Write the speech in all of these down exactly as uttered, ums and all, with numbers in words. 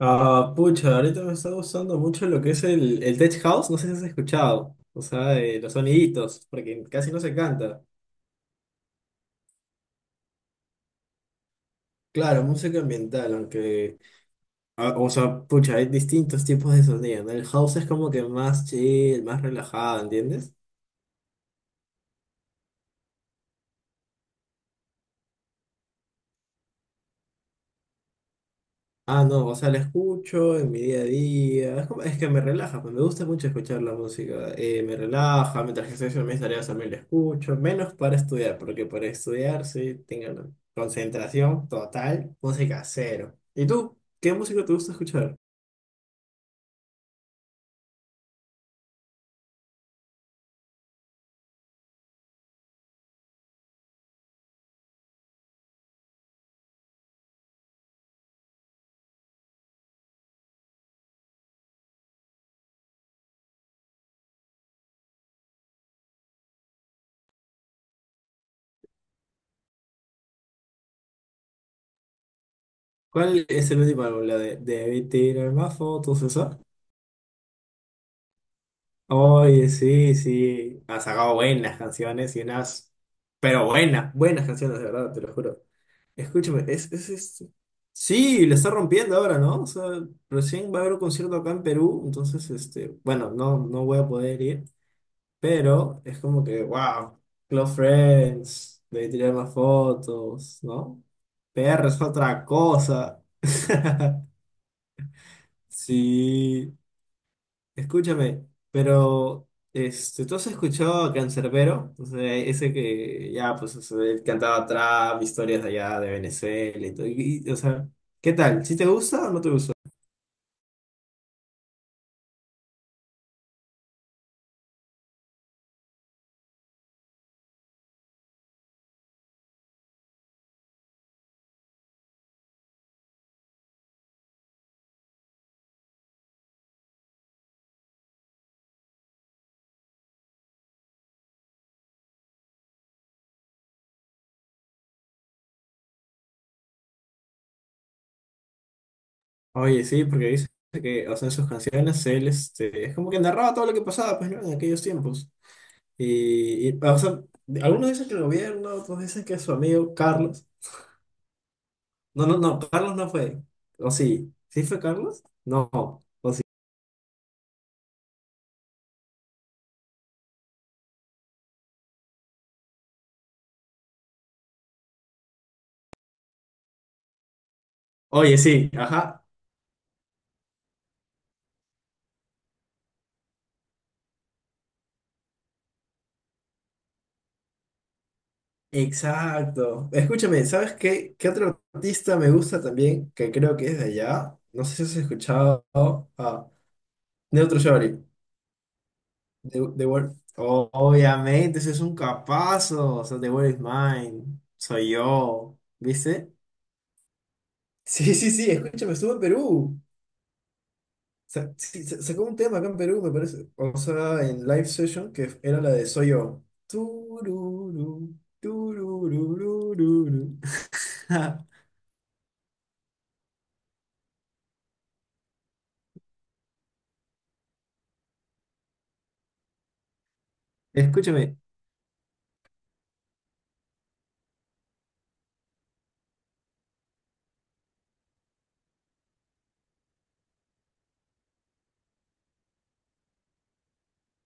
Ah, pucha, ahorita me está gustando mucho lo que es el, el tech house, no sé si has escuchado, o sea, eh, los soniditos, porque casi no se canta. Claro, música ambiental, aunque, ah, o sea, pucha, hay distintos tipos de sonido, ¿no? El house es como que más chill, más relajado, ¿entiendes? Ah, no, o sea, la escucho en mi día a día. Es, como- es que me relaja, pues me gusta mucho escuchar la música. Eh, me relaja, mientras que estoy haciendo mis tareas también la escucho. Menos para estudiar, porque para estudiar sí tengo la concentración total, música cero. ¿Y tú? ¿Qué música te gusta escuchar? ¿Cuál es el último álbum? ¿La de Debí tirar más fotos, esa? Oye, sí, sí. Ha sacado buenas canciones y unas. Pero buenas, buenas canciones, de verdad, te lo juro. Escúchame, es, es, es- sí, le está rompiendo ahora, ¿no? O sea, recién va a haber un concierto acá en Perú, entonces, este, bueno, no, no voy a poder ir, pero es como que, wow, Close Friends, debí tirar más fotos, ¿no? P R es otra cosa. Sí. Escúchame, pero este, ¿tú has escuchado a Canserbero? O sea, ese que ya, pues, o sea, él cantaba trap, historias de allá de Venezuela y todo. Y- y, o sea, ¿qué tal? ¿Sí te gusta o no te gusta? Oye, sí, porque dice que, o sea, en sus canciones él, este, es como que narraba todo lo que pasaba, pues, ¿no? En aquellos tiempos. Y, y, o sea, algunos dicen que el gobierno, otros dicen que su amigo Carlos. No, no, no, Carlos no fue. ¿O sí? ¿Sí fue Carlos? No. ¿O sí? Oye, sí, ajá. Exacto. Escúchame, ¿sabes qué? ¿Qué otro artista me gusta también? Que creo que es de allá. No sé si has escuchado a Neutro Shorty. The, The World- O- obviamente, ese es un capazo. O sea, The World is Mine. Soy yo. ¿Viste? Sí, sí, sí, escúchame, estuvo en Perú. Sa- sí, sa- sacó un tema acá en Perú, me parece. O sea, en live session, que era la de Soy yo. Tururú, turururururu. Escúchame.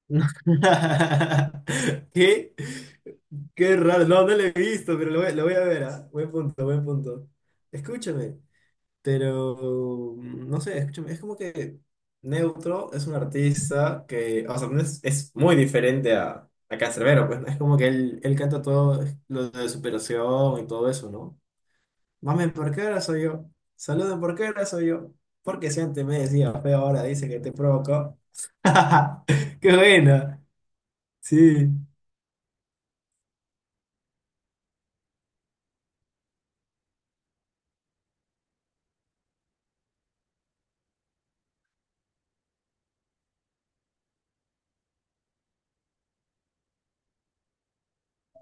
¿Qué? Qué raro. No, no lo he visto, pero lo voy, lo voy a ver, ¿ah? Buen punto, buen punto. Escúchame, pero mm, no sé, escúchame. Es como que Neutro es un artista que, o sea, no es, es muy diferente a, a Canserbero, pues ¿no? Es como que él, él canta todo lo de superación y todo eso, ¿no? Mame, ¿por qué ahora soy yo? Saluden, ¿por qué ahora soy yo? Porque si antes me decía feo, ahora dice que te provocó. ¡Qué buena! Sí,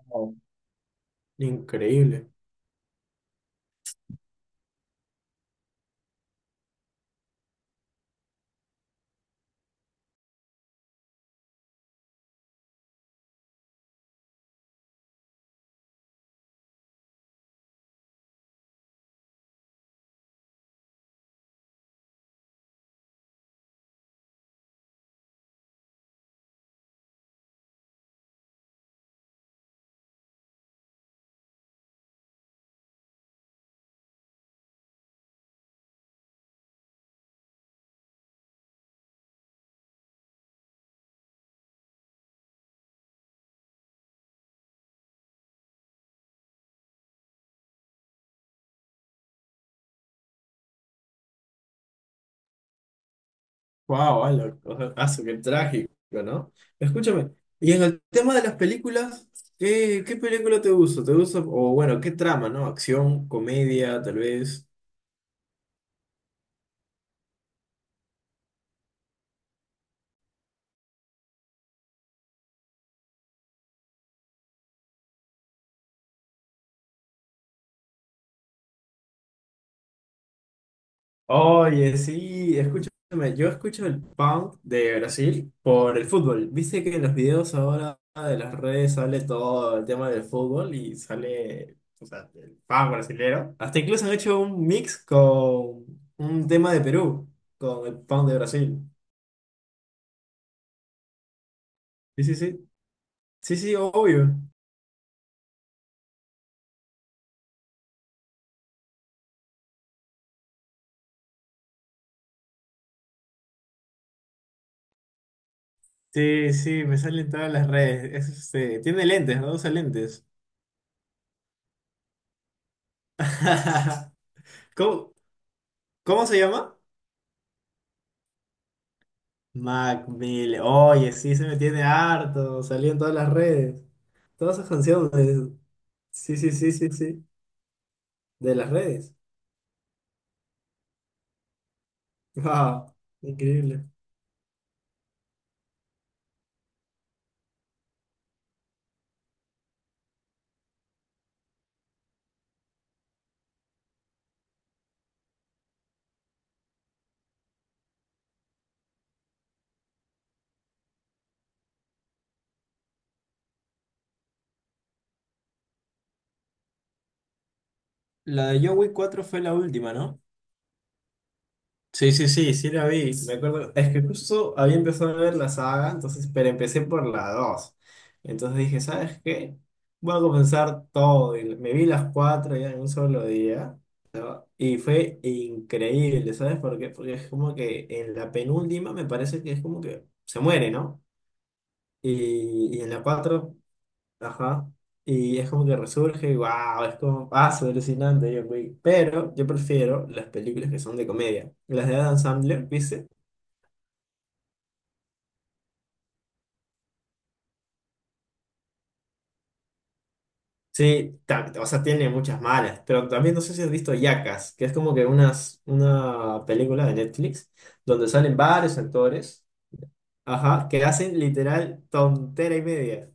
Wow, increíble. Wow, ala, o sea, ah, qué trágico, ¿no? Escúchame, y en el tema de las películas, ¿qué, ¿qué película te gusta? ¿Te gusta? O bueno, ¿qué trama, no? Acción, comedia, tal vez. Oye, sí, escúchame, yo escucho el punk de Brasil por el fútbol. Viste que en los videos ahora de las redes sale todo el tema del fútbol y sale, o sea, el punk brasilero. Hasta incluso han hecho un mix con un tema de Perú, con el punk de Brasil. Sí, sí, sí. Sí, sí, obvio. Sí, sí, me salen todas las redes. Es, este, tiene lentes, ¿no? Usa lentes. ¿Cómo, ¿cómo se llama? Mac Miller. Oye, sí se me tiene harto. Salió en todas las redes. Todas esas canciones. Sí, sí, sí, sí, sí. De las redes. Ah, increíble. La de John Wick cuatro fue la última, ¿no? Sí, sí, sí, sí la vi. Me acuerdo, es que justo había empezado a ver la saga, entonces, pero empecé por la dos. Entonces dije, ¿sabes qué? Voy a comenzar todo. Y me vi las cuatro ya en un solo día, ¿no? Y fue increíble, ¿sabes por qué? Porque es como que en la penúltima me parece que es como que se muere, ¿no? Y, y en la cuatro. Ajá. Y es como que resurge y wow, es como paso alucinante, yo, güey. Pero yo prefiero las películas que son de comedia. Las de Adam Sandler, ¿viste? Sí, ta- o sea, tiene muchas malas, pero también no sé si has visto Jackass, que es como que unas, una película de Netflix donde salen varios actores, ajá, que hacen literal tontera y media.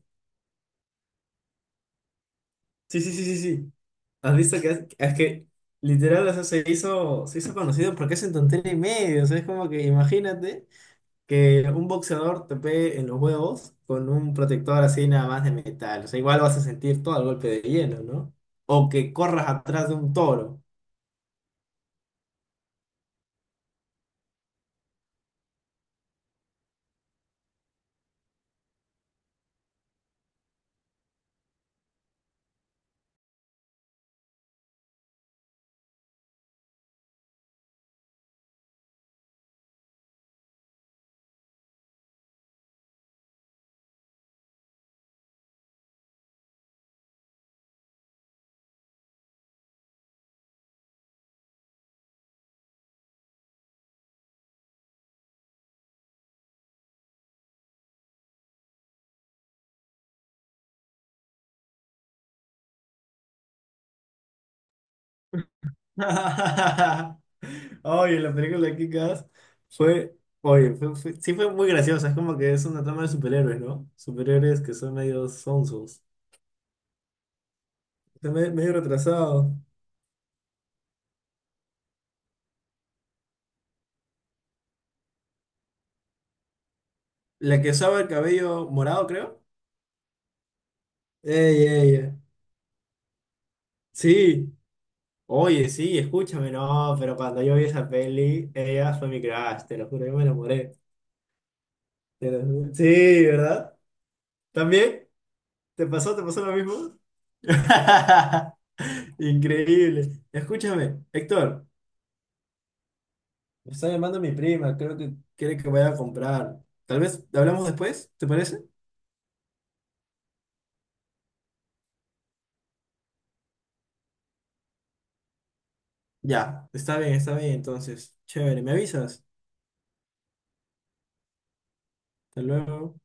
Sí, sí, sí, sí, sí. ¿Has visto que es, es que literal o sea, se hizo, se hizo conocido porque hacen tontera y media? O sea, es como que imagínate que un boxeador te pegue en los huevos con un protector así nada más de metal. O sea, igual vas a sentir todo el golpe de hielo, ¿no? O que corras atrás de un toro. Oye, la película de Kick-Ass fue, oye, fue- fue- sí fue muy graciosa. Es como que es una trama de superhéroes, ¿no? Superhéroes que son medio sonsos. Está me- medio retrasado. La que usaba el cabello morado, creo. Ey, ey, ey. Sí. Oye, sí, escúchame, no, pero cuando yo vi esa peli, ella fue mi crush, te lo juro, yo me enamoré. Te lo ju- Sí, ¿verdad? ¿También? ¿Te pasó, ¿te pasó lo mismo? Increíble. Escúchame, Héctor, me está llamando mi prima, creo que quiere que vaya a comprar. Tal vez hablamos después, ¿te parece? Ya, está bien, está bien, entonces, chévere, ¿me avisas? Hasta luego.